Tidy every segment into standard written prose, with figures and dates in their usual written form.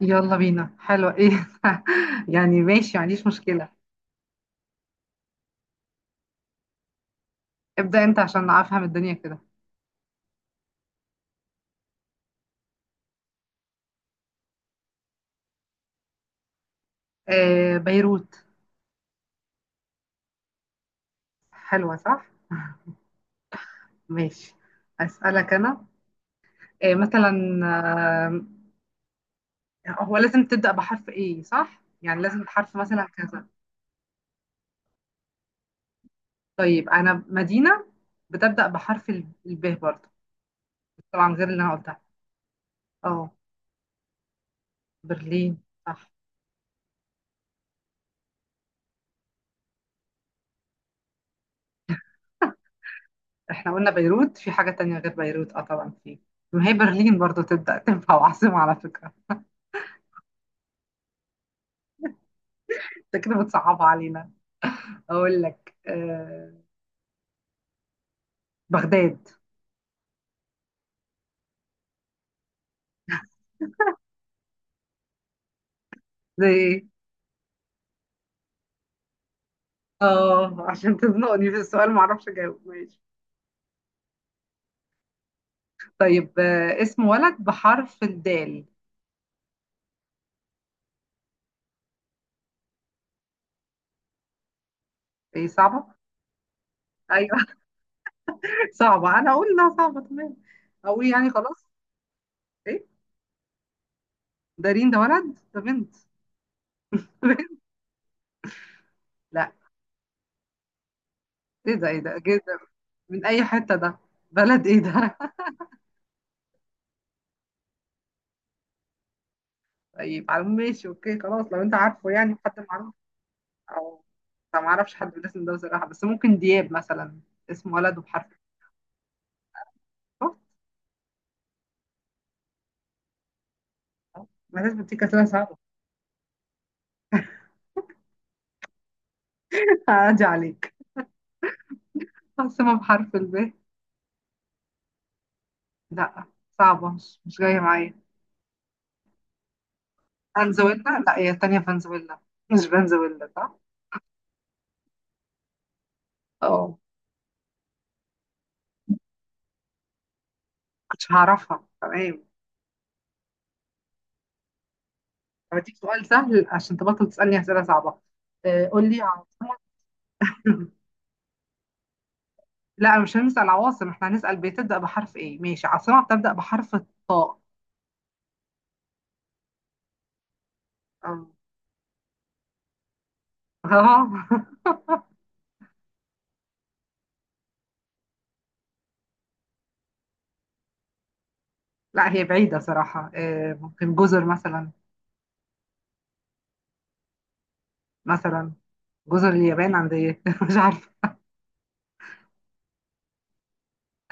يلا بينا. حلوة ايه؟ يعني ماشي، ما عنديش مشكلة. ابدأ انت عشان افهم الدنيا كده. بيروت. حلوة، صح؟ ماشي. اسألك انا. مثلا. آه هو لازم تبدأ بحرف ايه صح؟ يعني لازم بحرف مثلا كذا. طيب انا مدينة بتبدأ بحرف الب برضه، طبعا غير اللي انا قلتها. اه، برلين، صح. احنا قلنا بيروت، في حاجة تانية غير بيروت؟ اه طبعا في. ما هي برلين برضه تبدأ، تنفع، وعاصمة على فكرة. انت كده بتصعبها علينا. اقول لك، بغداد. زي ايه؟ اه، عشان تزنقني في السؤال ما اعرفش اجاوب. ماشي. طيب، اسم ولد بحرف الدال. ايه، صعبه. ايوه صعبه، انا اقول انها صعبه تمام. اقول يعني خلاص. ايه؟ دارين ده ولد ده بنت؟ لا. ايه ده؟ ايه ده كده؟ من اي حته ده؟ بلد ايه ده؟ طيب على العموم ماشي، اوكي خلاص لو انت عارفه يعني حد معروف. او، أنا ما اعرفش حد بالاسم ده بصراحه، بس ممكن دياب مثلا. اسم ولد وبحرف. ما دام بتيجي كانت صعبة. عادي عليك. عاصمة بحرف الب. لا، صعبة، مش جاية معايا. فنزويلا، لا هي التانية فنزويلا. مش فنزويلا صح؟ اه، كنتش هعرفها، تمام. هديك سؤال سهل عشان تبطل تسألني أسئلة صعبة. قول لي عاصمة. لا مش هنسأل عواصم، احنا هنسأل بتبدأ بحرف ايه. ماشي، عاصمة بتبدأ بحرف الطاء. اه. لا هي بعيدة صراحة، ممكن جزر مثلا. مثلا جزر اليابان عندي. مش عارفة.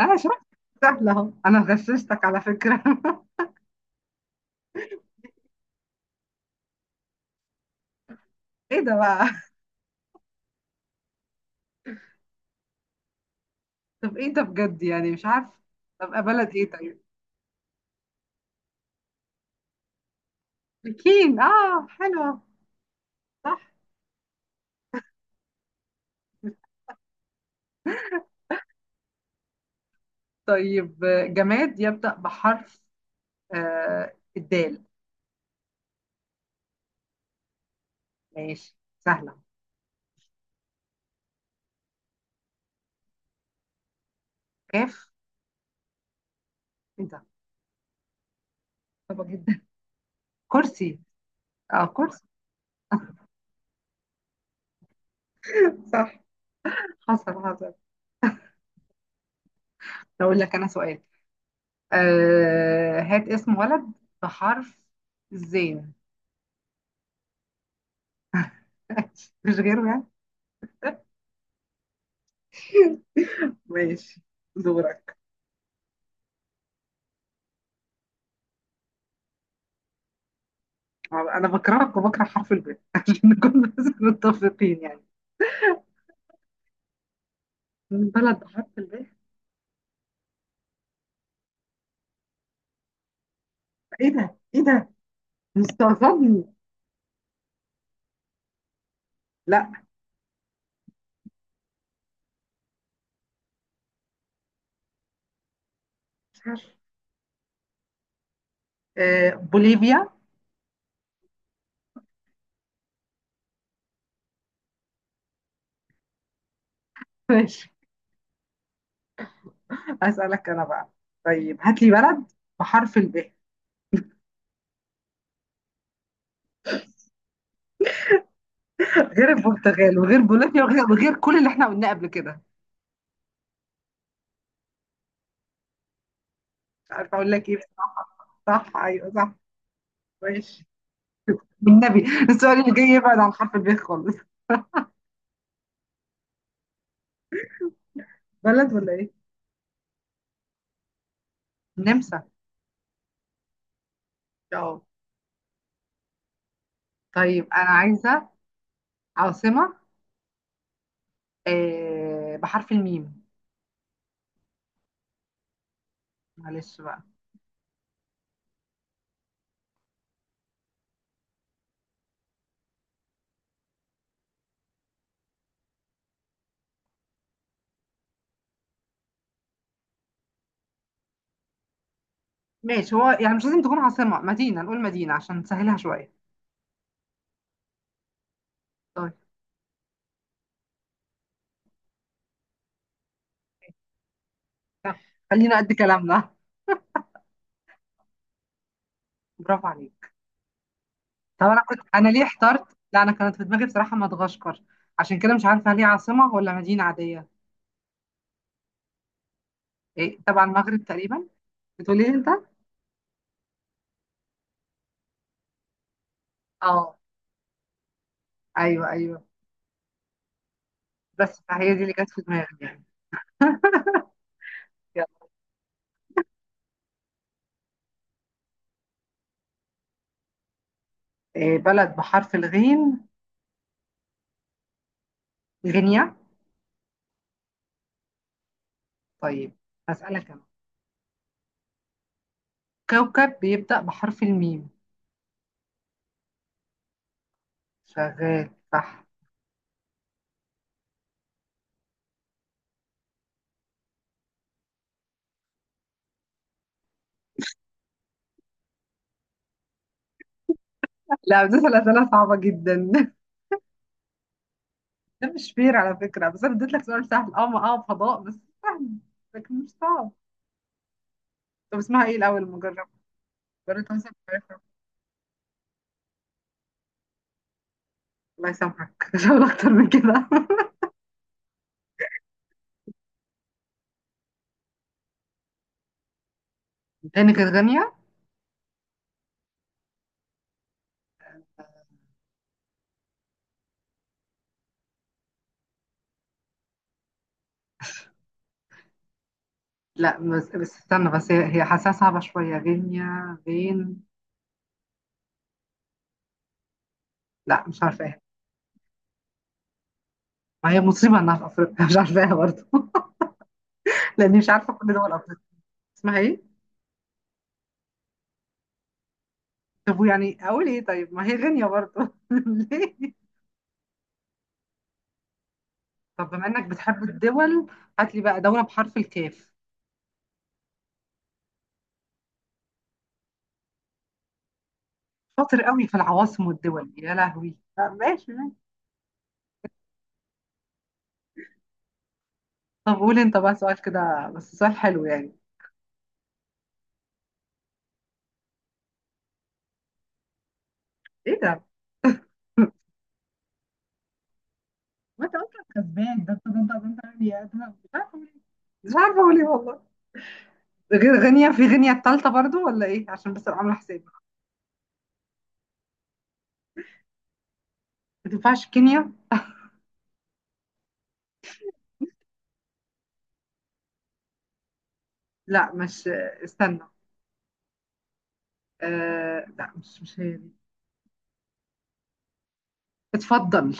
اه شفت، سهلة اهو، انا غششتك على فكرة. ايه ده بقى؟ طب ايه ده بجد؟ يعني مش عارف. طب بلد ايه طيب؟ بكين، اه حلوة، صح. طيب، جماد يبدأ بحرف، الدال. ماشي، سهلة. كاف. ايه ده؟ صعبة جدا. كرسي. اه، كرسي، صح. حصل حصل. اقول لك انا سؤال. هات اسم ولد بحرف الزين. مش غيره يعني؟ ماشي، دورك. انا بكرهك وبكره حرف الباء عشان نكون بس متفقين يعني. من بلد بحرف الباء. ايه ده؟ ايه ده؟ مستغربني. لا مش عارف. بوليفيا. ماشي، اسالك انا بقى. طيب هات لي بلد بحرف الباء، غير البرتغال وغير بوليفيا وغير كل اللي احنا قلناه قبل كده. مش عارفه اقول لك ايه. صح؟ ايوه صح. ماشي. بالنبي السؤال اللي جاي يبعد عن حرف الباء خالص. بلد، ولا ايه؟ النمسا. اه. طيب انا عايزه عاصمه، بحرف الميم. معلش بقى. ماشي، هو يعني مش لازم تكون عاصمة، مدينة، نقول مدينة عشان نسهلها شوية. طيب. يلا، خلينا قد كلامنا. برافو عليك. طب انا كنت، انا ليه احترت؟ لا انا كانت في دماغي بصراحة مدغشقر، عشان كده مش عارفة هل هي عاصمة ولا مدينة عادية. إيه، تبع المغرب تقريبا، بتقولي لي انت؟ اه. ايوه ايوه. بس فهي دي اللي كانت في دماغي يعني. يلا. إيه؟ بلد بحرف الغين؟ غينيا. طيب، هسألك انا. كوكب بيبدأ بحرف الميم. شغال، صح. لا بس الأسئلة صعبة جدا. ده مش فير على فكرة، بس أنا اديت لك سؤال سهل، اه، ما اه فضاء بس، سهل، لكن مش صعب. طب اسمها ايه الأول المجرب؟ بني تونسي عارفها؟ الله يسامحك مش هقول أكتر من كده. غيني كانت غينيا. لا بس، استنى، بس هي حاساها صعبة شوية، غينيا، غين. لا مش عارفاها. ما هي مصيبة إنها في أفريقيا مش عارفاها برضه. لأني مش عارفة كل دول أفريقيا. اسمها ايه؟ طب ويعني أقول ايه طيب؟ ما هي غينيا برضه ليه؟ طب بما إنك بتحب الدول، هات لي بقى دولة بحرف الكاف. شاطر قوي في العواصم والدول، يا لهوي. طب ماشي ماشي. طب قول انت بقى سؤال كده، بس سؤال حلو يعني. ايه ده؟ ما انت اصلا كسبان، ده انت غنية. ده أنا مش عارفه اقول ايه. مش عارفه اقول ايه والله. غير غينيا؟ في غينيا التالتة برضو، ولا ايه؟ عشان بس ابقى عامله حسابي. ما تنفعش كينيا؟ لا مش، استنى. لا، مش مش هي دي. اتفضل.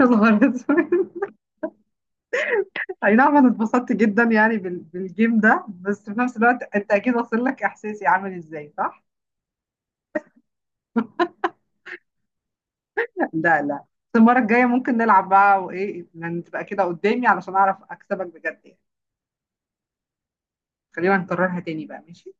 يا نهار اسود. اي نعم انا اتبسطت جدا يعني بالجيم ده، بس في نفس الوقت انت اكيد واصل لك احساسي عامل ازاي، صح؟ لا لا. بس المرة الجاية ممكن نلعب بقى وإيه يعني، تبقى كده قدامي علشان أعرف أكسبك بجد يعني. خلينا نكررها تاني بقى، ماشي.